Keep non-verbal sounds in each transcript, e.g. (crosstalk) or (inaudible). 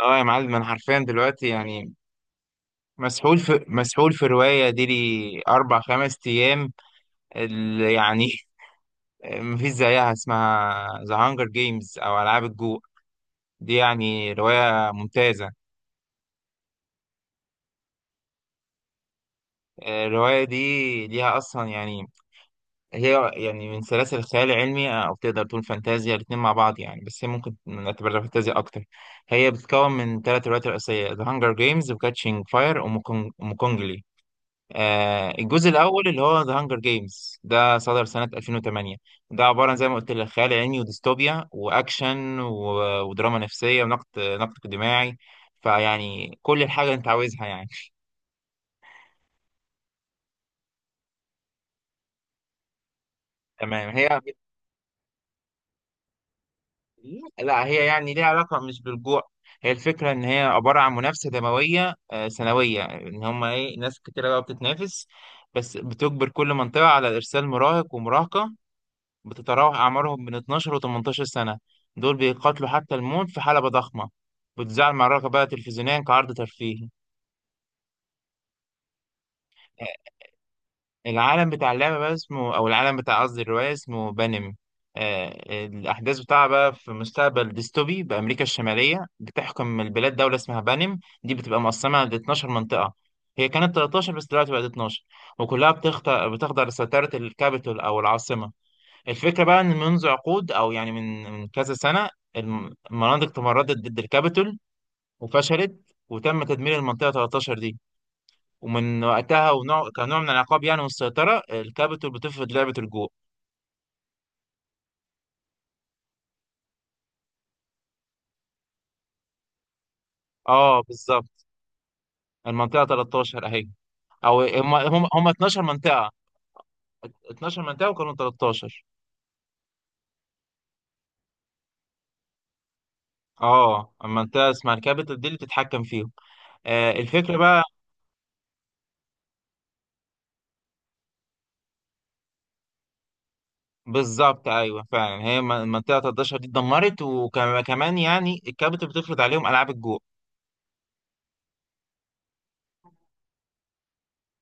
اه يا معلم، انا حرفيا دلوقتي يعني مسحول في رواية دي لي أربع خمس أيام. اللي يعني (laughs) مفيش زيها، اسمها ذا هانجر جيمز أو ألعاب الجوع. دي يعني رواية ممتازة. الرواية دي ليها أصلا يعني. هي يعني من سلاسل الخيال العلمي، أو تقدر تقول فانتازيا. الاتنين مع بعض يعني، بس هي ممكن نعتبرها فانتازيا أكتر. هي بتتكون من ثلاث روايات رئيسية: ذا هانجر جيمز، وكاتشينج فاير، وموكونجلي. الجزء الأول اللي هو ذا هانجر جيمز ده صدر سنة 2008. ده عبارة عن زي ما قلت لك خيال علمي وديستوبيا وأكشن ودراما نفسية ونقد اجتماعي. فيعني كل الحاجة اللي أنت عاوزها يعني. (laughs) تمام. هي، لا، هي يعني ليها علاقة مش بالجوع. هي الفكرة إن هي عبارة عن منافسة دموية سنوية، إن هما إيه ناس كتيرة بقى بتتنافس. بس بتجبر كل منطقة على إرسال مراهق ومراهقة، بتتراوح أعمارهم من 12 و 18 سنة. دول بيقاتلوا حتى الموت في حلبة ضخمة، بتذاع المعركة بقى تلفزيونيا كعرض ترفيهي. العالم بتاع اللعبة بقى اسمه، أو العالم بتاع، قصدي الرواية، اسمه بانم. الأحداث بتاعها بقى في مستقبل ديستوبي بأمريكا الشمالية، بتحكم البلاد دولة اسمها بانم. دي بتبقى مقسمة ل 12 منطقة. هي كانت 13 بس دلوقتي بقت 12، وكلها بتخضع لسيطرة الكابيتول أو العاصمة. الفكرة بقى إن منذ عقود، أو يعني من كذا سنة، المناطق تمردت ضد الكابيتول وفشلت، وتم تدمير المنطقة 13 دي. ومن وقتها، ونوع كنوع من العقاب يعني والسيطرة، الكابيتول بتفرض لعبة الجو. اه بالظبط. المنطقة 13 أهي. أو هم 12 منطقة. 12 منطقة وكانوا 13. اه، المنطقة اسمها الكابيتول دي اللي بتتحكم فيهم. الفكرة بقى، بالظبط ايوه فعلا، هي منطقه 13 دي اتدمرت، وكمان يعني الكابت بتفرض عليهم العاب الجوع.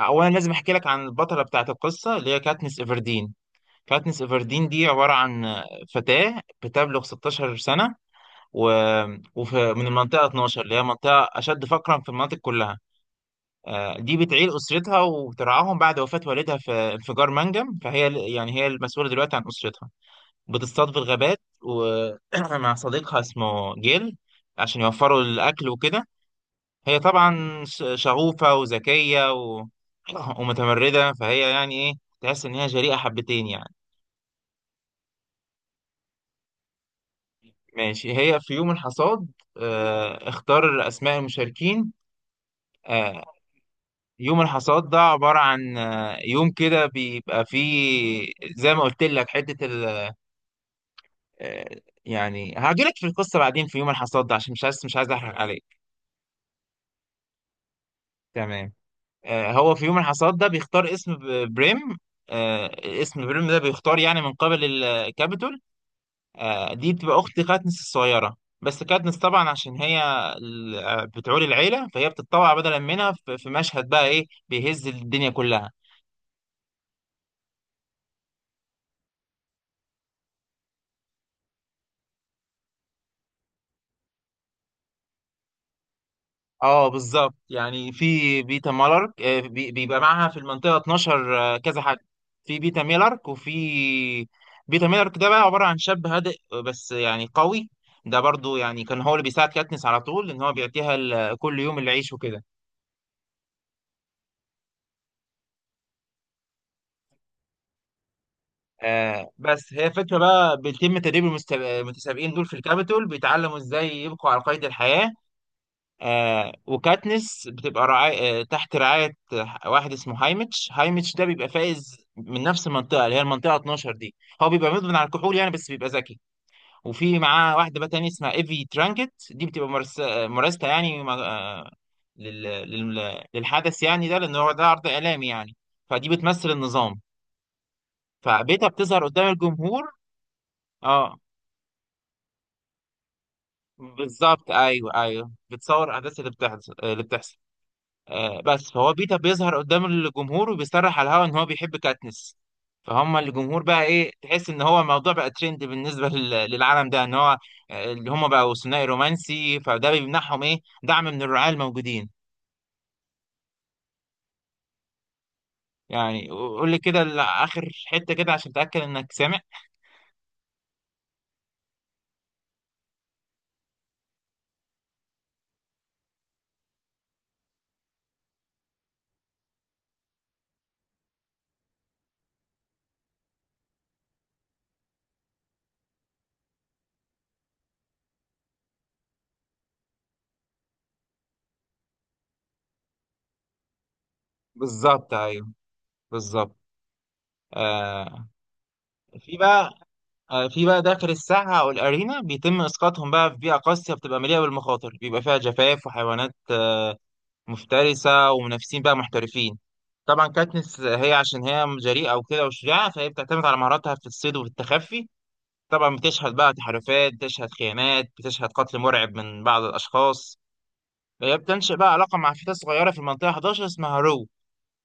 اولا لازم احكي لك عن البطله بتاعت القصه اللي هي كاتنس ايفردين. كاتنس ايفردين دي عباره عن فتاه بتبلغ 16 سنه، و... ومن المنطقه 12 اللي هي منطقه اشد فقرا في المناطق كلها. دي بتعيل اسرتها وترعاهم بعد وفاه والدها في انفجار منجم، فهي يعني هي المسؤوله دلوقتي عن اسرتها. بتصطاد في الغابات ومع (clears throat) صديقها اسمه جيل، عشان يوفروا الأكل وكده. هي طبعا شغوفة وذكية (clears throat) ومتمردة، فهي يعني إيه، تحس إن هي جريئة حبتين يعني. ماشي. هي في يوم الحصاد اختار أسماء المشاركين. آه، يوم الحصاد ده عبارة عن يوم كده بيبقى فيه زي ما قلت لك حتة ال... آه، يعني، هاجيلك في القصة بعدين، في يوم الحصاد ده، عشان مش عايز أحرق عليك. تمام. هو في يوم الحصاد ده بيختار اسم بريم. آه، اسم بريم ده بيختار يعني من قبل الكابيتول. دي بتبقى أخت كاتنس الصغيرة. بس كاتنس طبعا عشان هي بتعول العيلة، فهي بتتطوع بدلا منها، في مشهد بقى إيه بيهز الدنيا كلها. اه بالظبط، يعني في بيتا مالارك، بيبقى معاها في المنطقة 12 كذا حاجة. في بيتا ميلارك وفي بيتا ميلارك ده بقى عبارة عن شاب هادئ، بس يعني قوي. ده برضو يعني كان هو اللي بيساعد كاتنس على طول، ان هو بيعطيها كل يوم العيش وكده. بس هي فكرة بقى بيتم تدريب المتسابقين دول في الكابيتول، بيتعلموا ازاي يبقوا على قيد الحياة. وكاتنس بتبقى رعاية آه تحت رعاية واحد اسمه هايمتش. ده بيبقى فايز من نفس المنطقة اللي هي المنطقة 12 دي. هو بيبقى مدمن على الكحول يعني، بس بيبقى ذكي. وفي معاه واحدة بقى تانية اسمها ايفي ترانكت. دي بتبقى مرستة يعني، للحدث يعني ده، لأن هو ده عرض إعلامي يعني. فدي بتمثل النظام، فبيتها بتظهر قدام الجمهور. اه بالظبط، ايوه ايوه، بتصور الاحداث اللي بتحصل بس فهو بيتا بيظهر قدام الجمهور، وبيصرح على الهوا ان هو بيحب كاتنس. فهم الجمهور بقى، ايه، تحس ان هو الموضوع بقى ترند بالنسبه للعالم ده، ان هو اللي هم بقوا ثنائي رومانسي. فده بيمنحهم ايه دعم من الرعاة الموجودين. يعني قول لي كده اخر حته كده عشان اتاكد انك سامع. بالظبط ايوه بالظبط. آه في بقى في بقى داخل الساحه او الارينا، بيتم اسقاطهم بقى في بيئه قاسيه بتبقى مليئه بالمخاطر، بيبقى فيها جفاف وحيوانات مفترسة، ومنافسين بقى محترفين. طبعا كاتنس هي عشان هي جريئة وكده وشجاعة، فهي بتعتمد على مهاراتها في الصيد وفي التخفي. طبعا بتشهد بقى تحالفات، بتشهد خيانات، بتشهد قتل مرعب من بعض الأشخاص. هي بتنشئ بقى علاقة مع فتاة صغيرة في المنطقة 11 اسمها رو،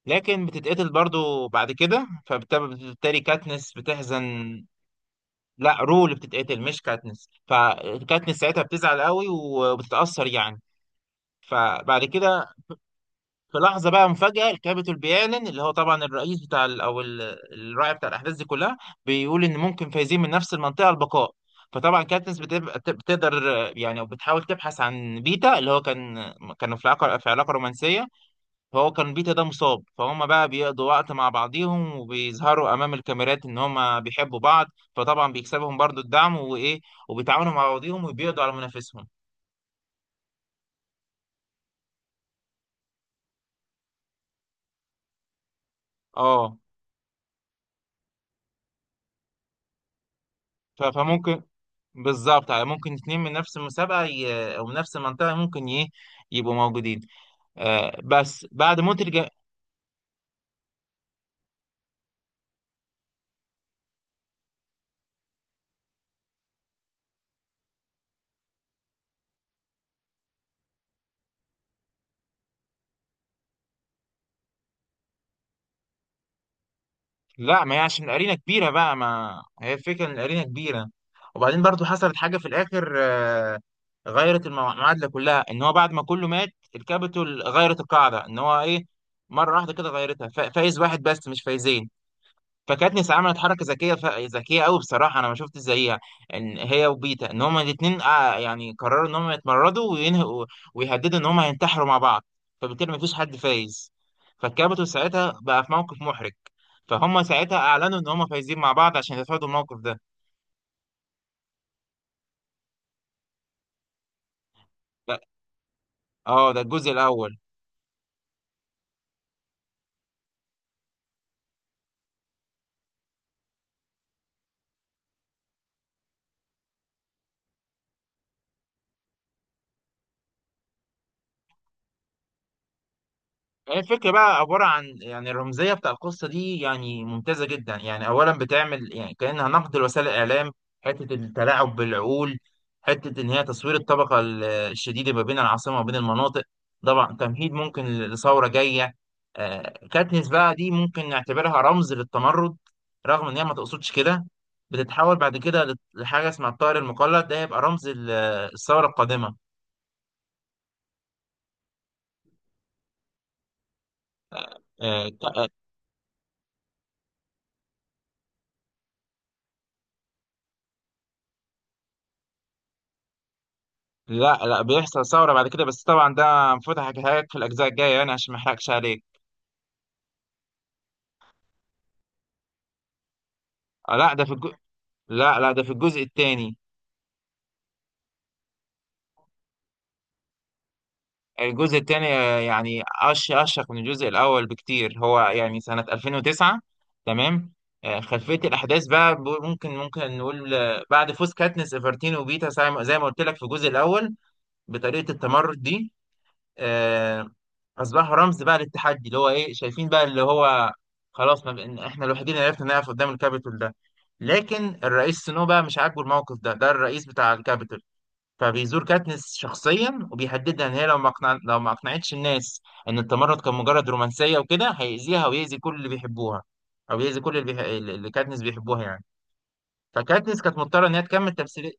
لكن بتتقتل برضو بعد كده، فبالتالي كاتنس بتحزن. لا، رو اللي بتتقتل مش كاتنس، فكاتنس ساعتها بتزعل قوي وبتتأثر يعني. فبعد كده، في لحظة بقى مفاجأة، الكابيتول بيعلن، اللي هو طبعا الرئيس بتاع الراعي بتاع الأحداث دي كلها، بيقول إن ممكن فايزين من نفس المنطقة البقاء. فطبعا كاتنس بتبقى بتقدر يعني أو بتحاول تبحث عن بيتا، اللي هو كان، كانوا في علاقة رومانسية. فهو كان بيتا ده مصاب، فهم بقى بيقضوا وقت مع بعضيهم، وبيظهروا أمام الكاميرات إن هم بيحبوا بعض. فطبعا بيكسبهم برضو الدعم وإيه، وبيتعاونوا مع بعضيهم وبيقضوا على منافسهم. اه، فممكن، بالظبط، على ممكن اتنين من نفس المسابقة أو من نفس المنطقة ممكن يبقوا موجودين. بس بعد موت لا، ما هي عشان الأرينا كبيرة بقى، ما هي الفكرة إن الأرينا كبيرة. وبعدين برضو حصلت حاجة في الآخر غيرت المعادلة كلها، إن هو بعد ما كله مات، الكابيتول غيرت القاعدة، إن هو إيه، مرة واحدة كده غيرتها، فايز واحد بس مش فايزين. فكانت نسا عملت حركه ذكيه قوي، بصراحه انا ما شفت زيها، ان هي وبيتا، ان هما الاثنين يعني قرروا ان هما يتمردوا وينهوا، ويهددوا ان هما هينتحروا مع بعض. فبالتالي ما فيش حد فايز، فالكابتن ساعتها بقى في موقف محرج، فهم ساعتها اعلنوا ان هما فايزين مع بعض عشان يتفادوا الموقف ده. ف- اه ده الجزء الاول. هي الفكرة بقى عبارة عن يعني الرمزية بتاع القصة دي يعني ممتازة جدا يعني. أولا بتعمل يعني كأنها نقد لوسائل الإعلام، حتة التلاعب بالعقول، حتة إن هي تصوير الطبقة الشديدة ما بين العاصمة وبين المناطق. طبعا تمهيد ممكن لثورة جاية. كاتنس بقى دي ممكن نعتبرها رمز للتمرد، رغم إن هي ما تقصدش كده. بتتحول بعد كده لحاجة اسمها الطائر المقلد، ده هيبقى رمز الثورة القادمة. آه، لا لا، بيحصل ثورة بعد كده، بس طبعا ده المفروض احكيها لك في الأجزاء الجاية يعني، عشان ما احرقش عليك. آه، لا ده في الجو... لا لا ده في الجزء الثاني. الجزء الثاني، يعني أشق من الجزء الأول بكتير، هو يعني سنة 2009. تمام. خلفية الأحداث بقى، ممكن نقول، بعد فوز كاتنس إيفرتين وبيتا، زي ما قلت لك في الجزء الأول، بطريقة التمرد دي، آه، اصبحوا رمز بقى للتحدي، اللي هو ايه، شايفين بقى، اللي هو خلاص ما بقى احنا الوحيدين اللي عرفنا نقف قدام الكابيتول ده. لكن الرئيس سنو بقى مش عاجبه الموقف ده، ده الرئيس بتاع الكابيتول. فبيزور كاتنس شخصيا وبيهددها، ان هي لو ما اقنعتش الناس ان التمرد كان مجرد رومانسيه وكده، هيأذيها ويأذي كل اللي بيحبوها، او يأذي كل اللي كاتنس بيحبوها يعني. فكاتنس كانت مضطره ان هي تكمل تمثيل.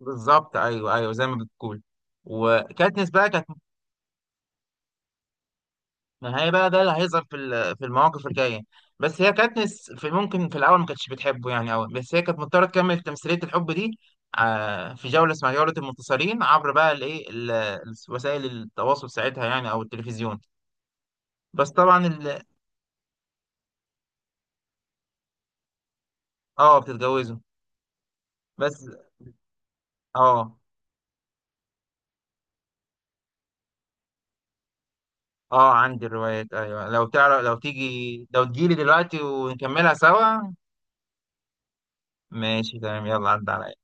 بالظبط ايوه ايوه، زي ما بتقول. وكاتنس بقى كانت، نهائي بقى ده اللي هيظهر في في المواقف الجايه. بس هي كاتنس، في ممكن في الاول ما كانتش بتحبه يعني قوي، بس هي كانت مضطره تكمل تمثيليه الحب دي. في جوله اسمها جوله المنتصرين، عبر بقى الايه ال- إيه، ال- وسائل التواصل ساعتها يعني، او التلفزيون. بس طبعا اه بتتجوزه. بس، اه اه، عندي الروايات، ايوه. لو تعرف، لو تيجي، لو تجيلي دلوقتي ونكملها سوا. ماشي تمام، يلا عدى عليا.